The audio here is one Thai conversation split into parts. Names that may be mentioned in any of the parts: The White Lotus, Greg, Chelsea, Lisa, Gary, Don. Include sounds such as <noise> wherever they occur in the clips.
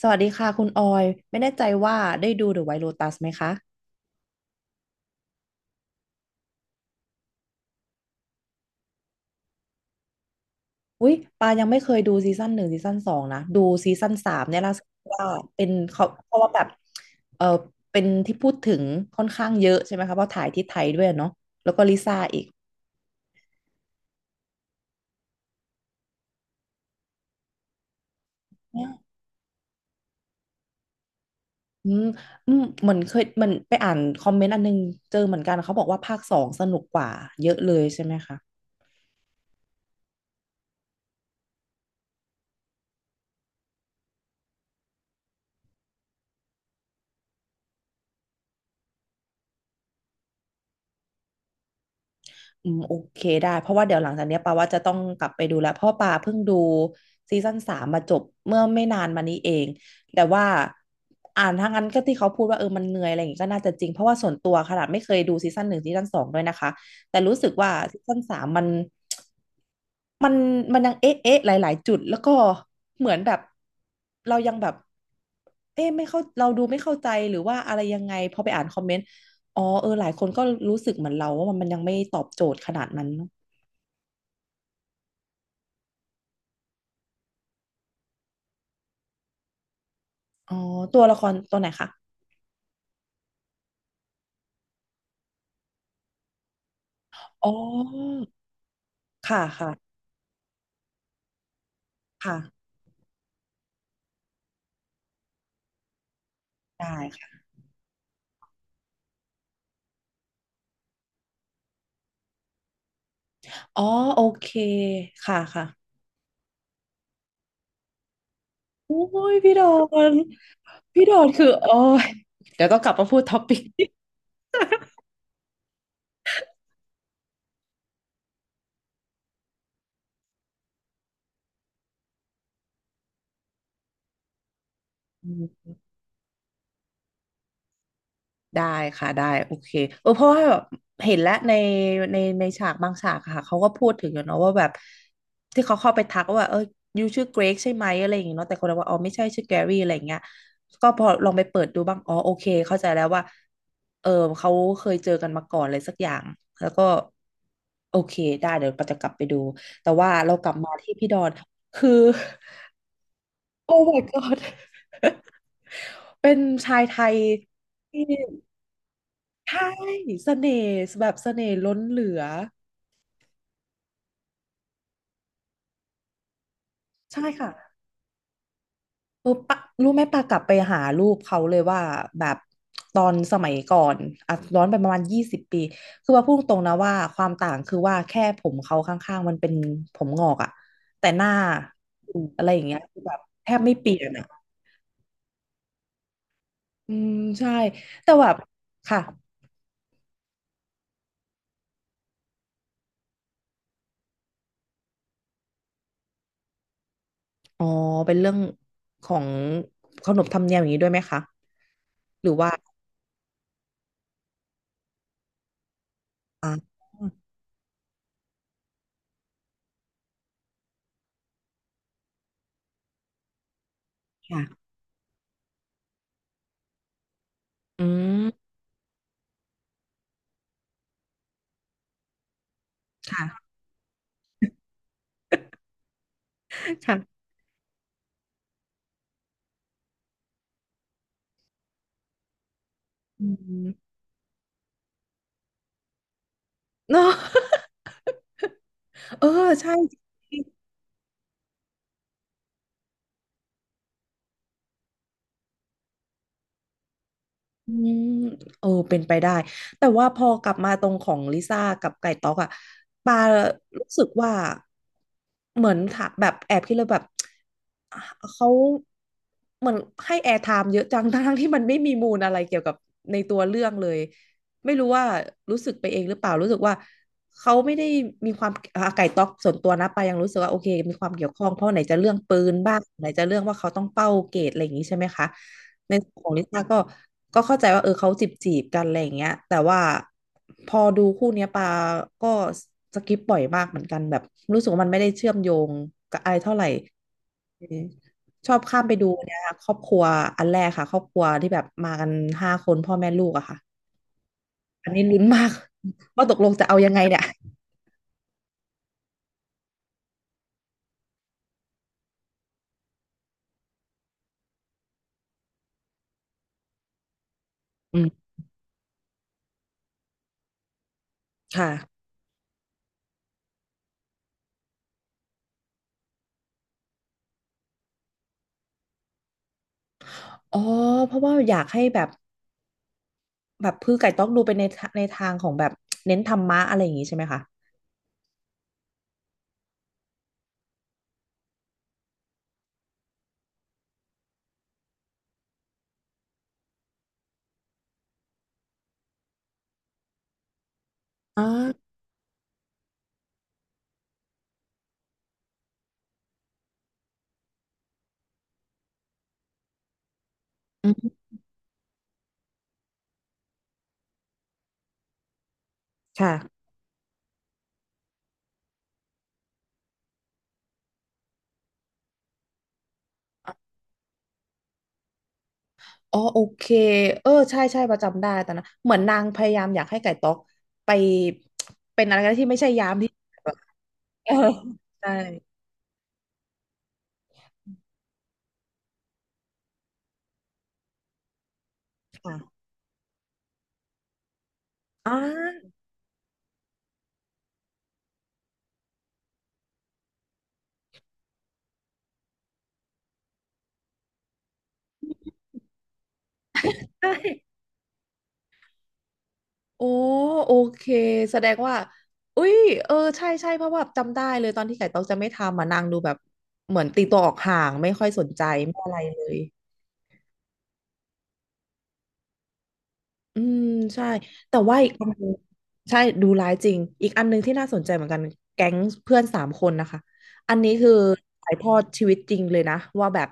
สวัสดีค่ะคุณออยไม่แน่ใจว่าได้ดู The White Lotus ไหมคะอุ๊ยปายังไม่เคยดูซีซั่นหนึ่งซีซั่นสองนะดูซีซั่นสามเนี่ยล่าสุดว่าเป็นเขาเพราะว่าแบบเออเป็นที่พูดถึงค่อนข้างเยอะใช่ไหมคะเพราะถ่ายที่ไทยด้วยเนาะแล้วก็ลิซ่าอีกอืมอืมเหมือนเคยมันไปอ่านคอมเมนต์อันนึงเจอเหมือนกันเขาบอกว่าภาคสองสนุกกว่าเยอะเลยใช่ไหมคะ อืมโอเคได้เพราะว่าเดี๋ยวหลังจากเนี้ยปาว่าจะต้องกลับไปดูแล้วเพราะปาเพิ่งดูซีซั่นสามมาจบเมื่อไม่นานมานี้เองแต่ว่าอ่านทั้งนั้นก็ที่เขาพูดว่ามันเหนื่อยอะไรอย่างงี้ก็น่าจะจริงเพราะว่าส่วนตัวขนาดไม่เคยดูซีซั่นหนึ่งซีซั่นสองด้วยนะคะแต่รู้สึกว่าซีซั่นสามมันมันมันยังเอ๊ะเอ๊ะหลายๆจุดแล้วก็เหมือนแบบเรายังแบบเอ๊ะไม่เข้าเราดูไม่เข้าใจหรือว่าอะไรยังไงพอไปอ่านคอมเมนต์ อ๋อหลายคนก็รู้สึกเหมือนเราว่ามันยังไม่ตอบโจทย์ขนาดนั้นเนอะอ๋อตัวละครตัวไหนคะอ๋อค่ะค่ะค่ะได้ค่ะอ๋อโอเคค่ะค่ะโอ้ยพี่ดอนพี่ดอนคือโอ้ยเดี๋ยวต้องกลับมาพูดท็อปิก <laughs> ได้ค่ะได้โอเคเพราะว่าแบบเห็นแล้วในในฉากบางฉากอะค่ะเขาก็พูดถึงอยู่เนาะว่าแบบที่เขาเข้าไปทักว่ายูชื่อเกรกใช่ไหมอะไรอย่างเงี้ยเนาะแต่คนเราว่าอ๋อไม่ใช่ชื่อแกรี่อะไรอย่างเงี้ยก็พอลองไปเปิดดูบ้างอ๋อโอเคเข้าใจแล้วว่าเออเขาเคยเจอกันมาก่อนอะไรสักอย่างแล้วก็โอเคได้เดี๋ยวเราจะกลับไปดูแต่ว่าเรากลับมาที่พี่ดอนคือ <laughs> โอ้ my god เป็นชายไทยที่ ใช่เสน่ห์แบบเสน่ห์ล้นเหลือใช่ค่ะปะรู้ไหมปากลับไปหารูปเขาเลยว่าแบบตอนสมัยก่อนอ่ะย้อนไปประมาณ20 ปีคือว่าพูดตรงนะว่าความต่างคือว่าแค่ผมเขาข้างๆมันเป็นผมงอกอะแต่หน้าอมอะไรอย่างเงี้ยคือแบบแทบไม่เปลี่ยนอะอืมใช่แต่แบบค่ะอ๋อเป็นเรื่องของขนบธรรมเนียมอย่างนี้ด้วยไหมคะหรือว่าอ่าค่ะอืมค่ะ ค่ะอืม <laughs> เนาะ <laughs> เออใช่อืมเป็นไปได้ แต่ว่าพอกลับมาตรงของลิซ่ากับไก่ต๊อกอะปารู้สึกว่าเหมือนถ้าแบบแอบคิดเลยแบบอ่ะเขาเหมือนให้แอร์ไทม์เยอะจัง <laughs> ทั้งๆที่มันไม่มีมูลอะไรเกี่ยวกับในตัวเรื่องเลย ไม่รู้ว่ารู้สึกไปเองหรือเปล่ารู้สึกว่าเขาไม่ได้มีความอ่าไก่ต๊อกส่วนตัวนะปายังรู้สึกว่าโอเคมีความเกี่ยวข้องเพราะไหนจะเรื่องปืนบ้างไหนจะเรื่องว่าเขาต้องเป้าเกรดอะไรอย่างนี้ใช่ไหมคะในส่วนของลิซ่าก็เข้าใจว่าเขาจีบกันอะไรอย่างเงี้ยแต่ว่าพอดูคู่เนี้ยปาก็สกิปบ่อยมากเหมือนกันแบบรู้สึกว่ามันไม่ได้เชื่อมโยงกับอะไรเท่าไหร่เออชอบข้ามไปดูเนี่ยครอบครัวอันแรกค่ะครอบครัวที่แบบมากัน5 คนพ่อแม่ลูกอะค่ะ อันนี้ลุ้นมาก <laughs> ว่าตกลงจะเอายังไงเนี่ยอืมค่ะอ๋อเพราะว่าอยากให้แบบพือไก่ต้องดูไปในทะในทางของแบบเน้นธรรมะอะไรอย่างงี้ใช่ไหมคะอ่าอืมค่ะอ๋อโอเคใช่ใช่ประจำได้ตอนนั้นเหมือนนางพยายามอยากให้ไก่ต๊อกไปเป็นอะไรก็ได้ที่ไม่ใช่ยามที่แบบเออใช่ค่ะอ่าใช่ โอ้โอเคแสดงว่าอุ้ยใช่ใช่เพราะว่าจำได้เลยตอนที่ไก่ต๊อกจะไม่ทำอ่ะนางดูแบบเหมือนตีตัวออกห่างไม่ค่อยสนใจไม่อะไรเลยอืมใช่แต่ว่าอีกอันนึงใช่ดูร้ายจริงอีกอันนึงที่น่าสนใจเหมือนกันแก๊งเพื่อน3 คนนะคะอันนี้คือถ่ายทอดชีวิตจริงเลยนะว่าแบบ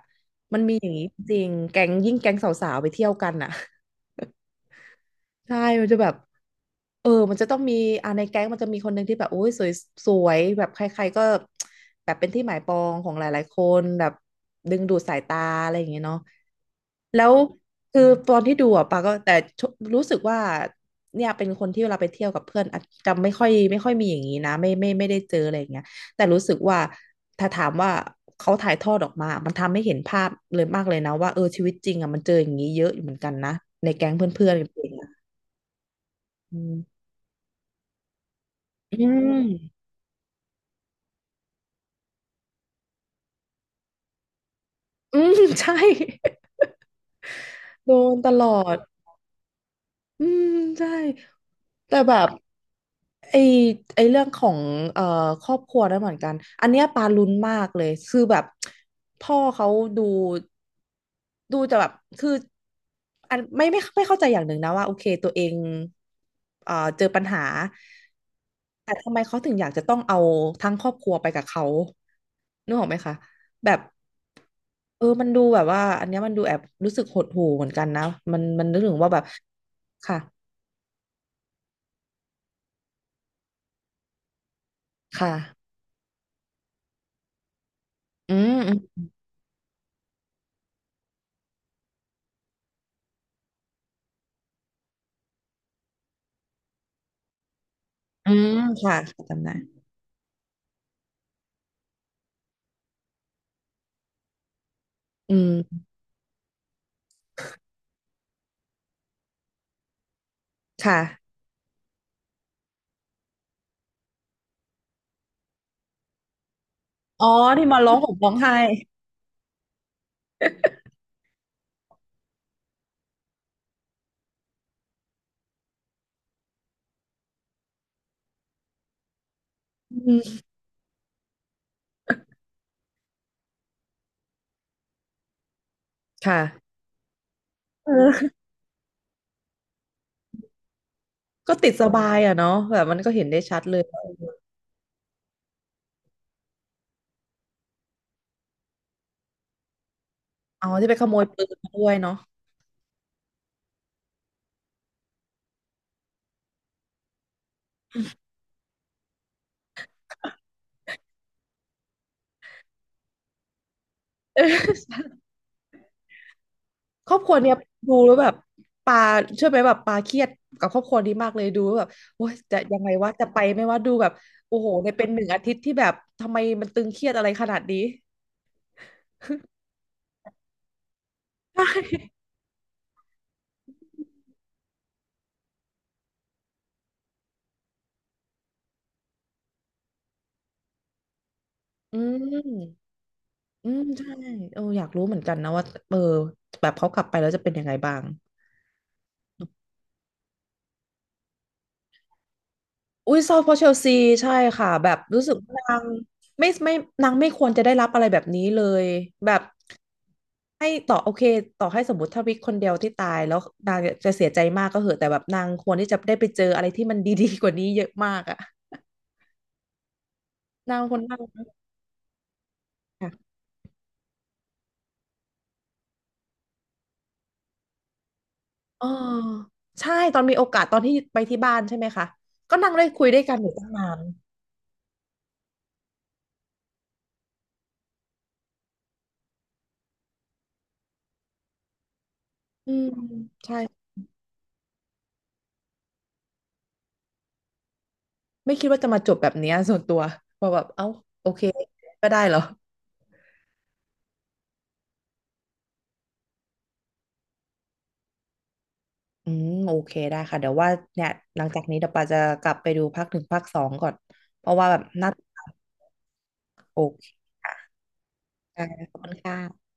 มันมีอย่างนี้จริงแก๊งแก๊งสาวๆไปเที่ยวกันอ่ะ ใช่มันจะแบบมันจะต้องมีในแก๊งมันจะมีคนหนึ่งที่แบบโอ้ยสวยสวยแบบใครๆก็แบบเป็นที่หมายปองของหลายๆคนแบบดึงดูดสายตาอะไรอย่างเงี้ยเนาะแล้วคือตอนที่ดูอ่ะปาก็แต่ชรู้สึกว่าเนี่ยเป็นคนที่เวลาไปเที่ยวกับเพื่อนอาจจะไม่ค่อยมีอย่างนี้นะไม่ได้เจออะไรอย่างเงี้ยแต่รู้สึกว่าถ้าถามว่าเขาถ่ายทอดออกมามันทำให้เห็นภาพเลยมากเลยนะว่าเออชีวิตจริงอ่ะมันเจออย่างนี้เยอะอยู่เหมือนกันนะในแก๊งเพื่อนๆกันเอง อืมอืมอืมใช่ <laughs> โดนตลอดอืมใช่ แต่แบบไอ้ไอ้เรื่องของเอ่อครอบครัวนั่นเหมือนกันอันเนี้ยปาลุ้นมากเลยคือแบบพ่อเขาดูดูจะแบบคืออันไม่เข้าใจอย่างหนึ่งนะว่าโอเคตัวเองเจอปัญหาแต่ทำไมเขาถึงอยากจะต้องเอาทั้งครอบครัวไปกับเขานึกออกไหมคะแบบเออมันดูแบบว่าอันเนี้ยมันดูแอบรู้สึกหดหู่เหมือนกันนะมันนึกถึงว่าแบบค่ะค่ะอืม อืมค่ะจำได้อืมค่ะอ๋อที่มาร้องห่มร้องไห้อืมค่ะเออก็ติดสบายอ่ะเนาะแบบมันก็เห็นได้ชัดเลยว่าเอาที่ไปขโมยปืนมาด้วยเนาะเออครอบครัวเนี่ยดูแล้วแบบปาเชื่อไหมแบบปาเครียดกับครอบครัวนี้มากเลยดูแล้วแบบโอ้ยจะยังไงวะจะไปไหม่ว่าดูแบบโอ้โหในเป็นหนึ่งอาทิตย์ที่แบบทำไมมันตึงเครียดอะไรขนาดนี้ใช่อืม อืมใช่เอออยากรู้เหมือนกันนะว่าเออแบบเขากลับไปแล้วจะเป็นยังไงบ้างอุ้ยเศร้าเพราะเชลซีใช่ค่ะแบบรู้สึกว่านางไม่นางไม่ควรจะได้รับอะไรแบบนี้เลยแบบให้ต่อโอเคต่อให้สมมติถ้าวิกคนเดียวที่ตายแล้วนางจะเสียใจมากก็เหอะแต่แบบนางควรที่จะได้ไปเจออะไรที่มันดีๆกว่านี้เยอะมากอะนางคนนั่งค่ะอ๋อใช่ตอนมีโอกาสตอนที่ไปที่บ้านใช่ไหมคะก็นั่งได้คุยด้วยกันอยู่ตั้งนานอืมใช่ ไม่คิดว่าจะมาจบแบบเนี้ยส่วนตัวพอแบบเอ้าโอเคก็ได้เหรออืมโอเคได้ค่ะเดี๋ยวว่าเนี่ยหลังจากนี้เดี๋ยวปาจะกลับไปดูภาคหนึ่งภาคสองก่อนเพราะว่าแบบน่าติดตามโอเคค่ะขอบคุณค่ะ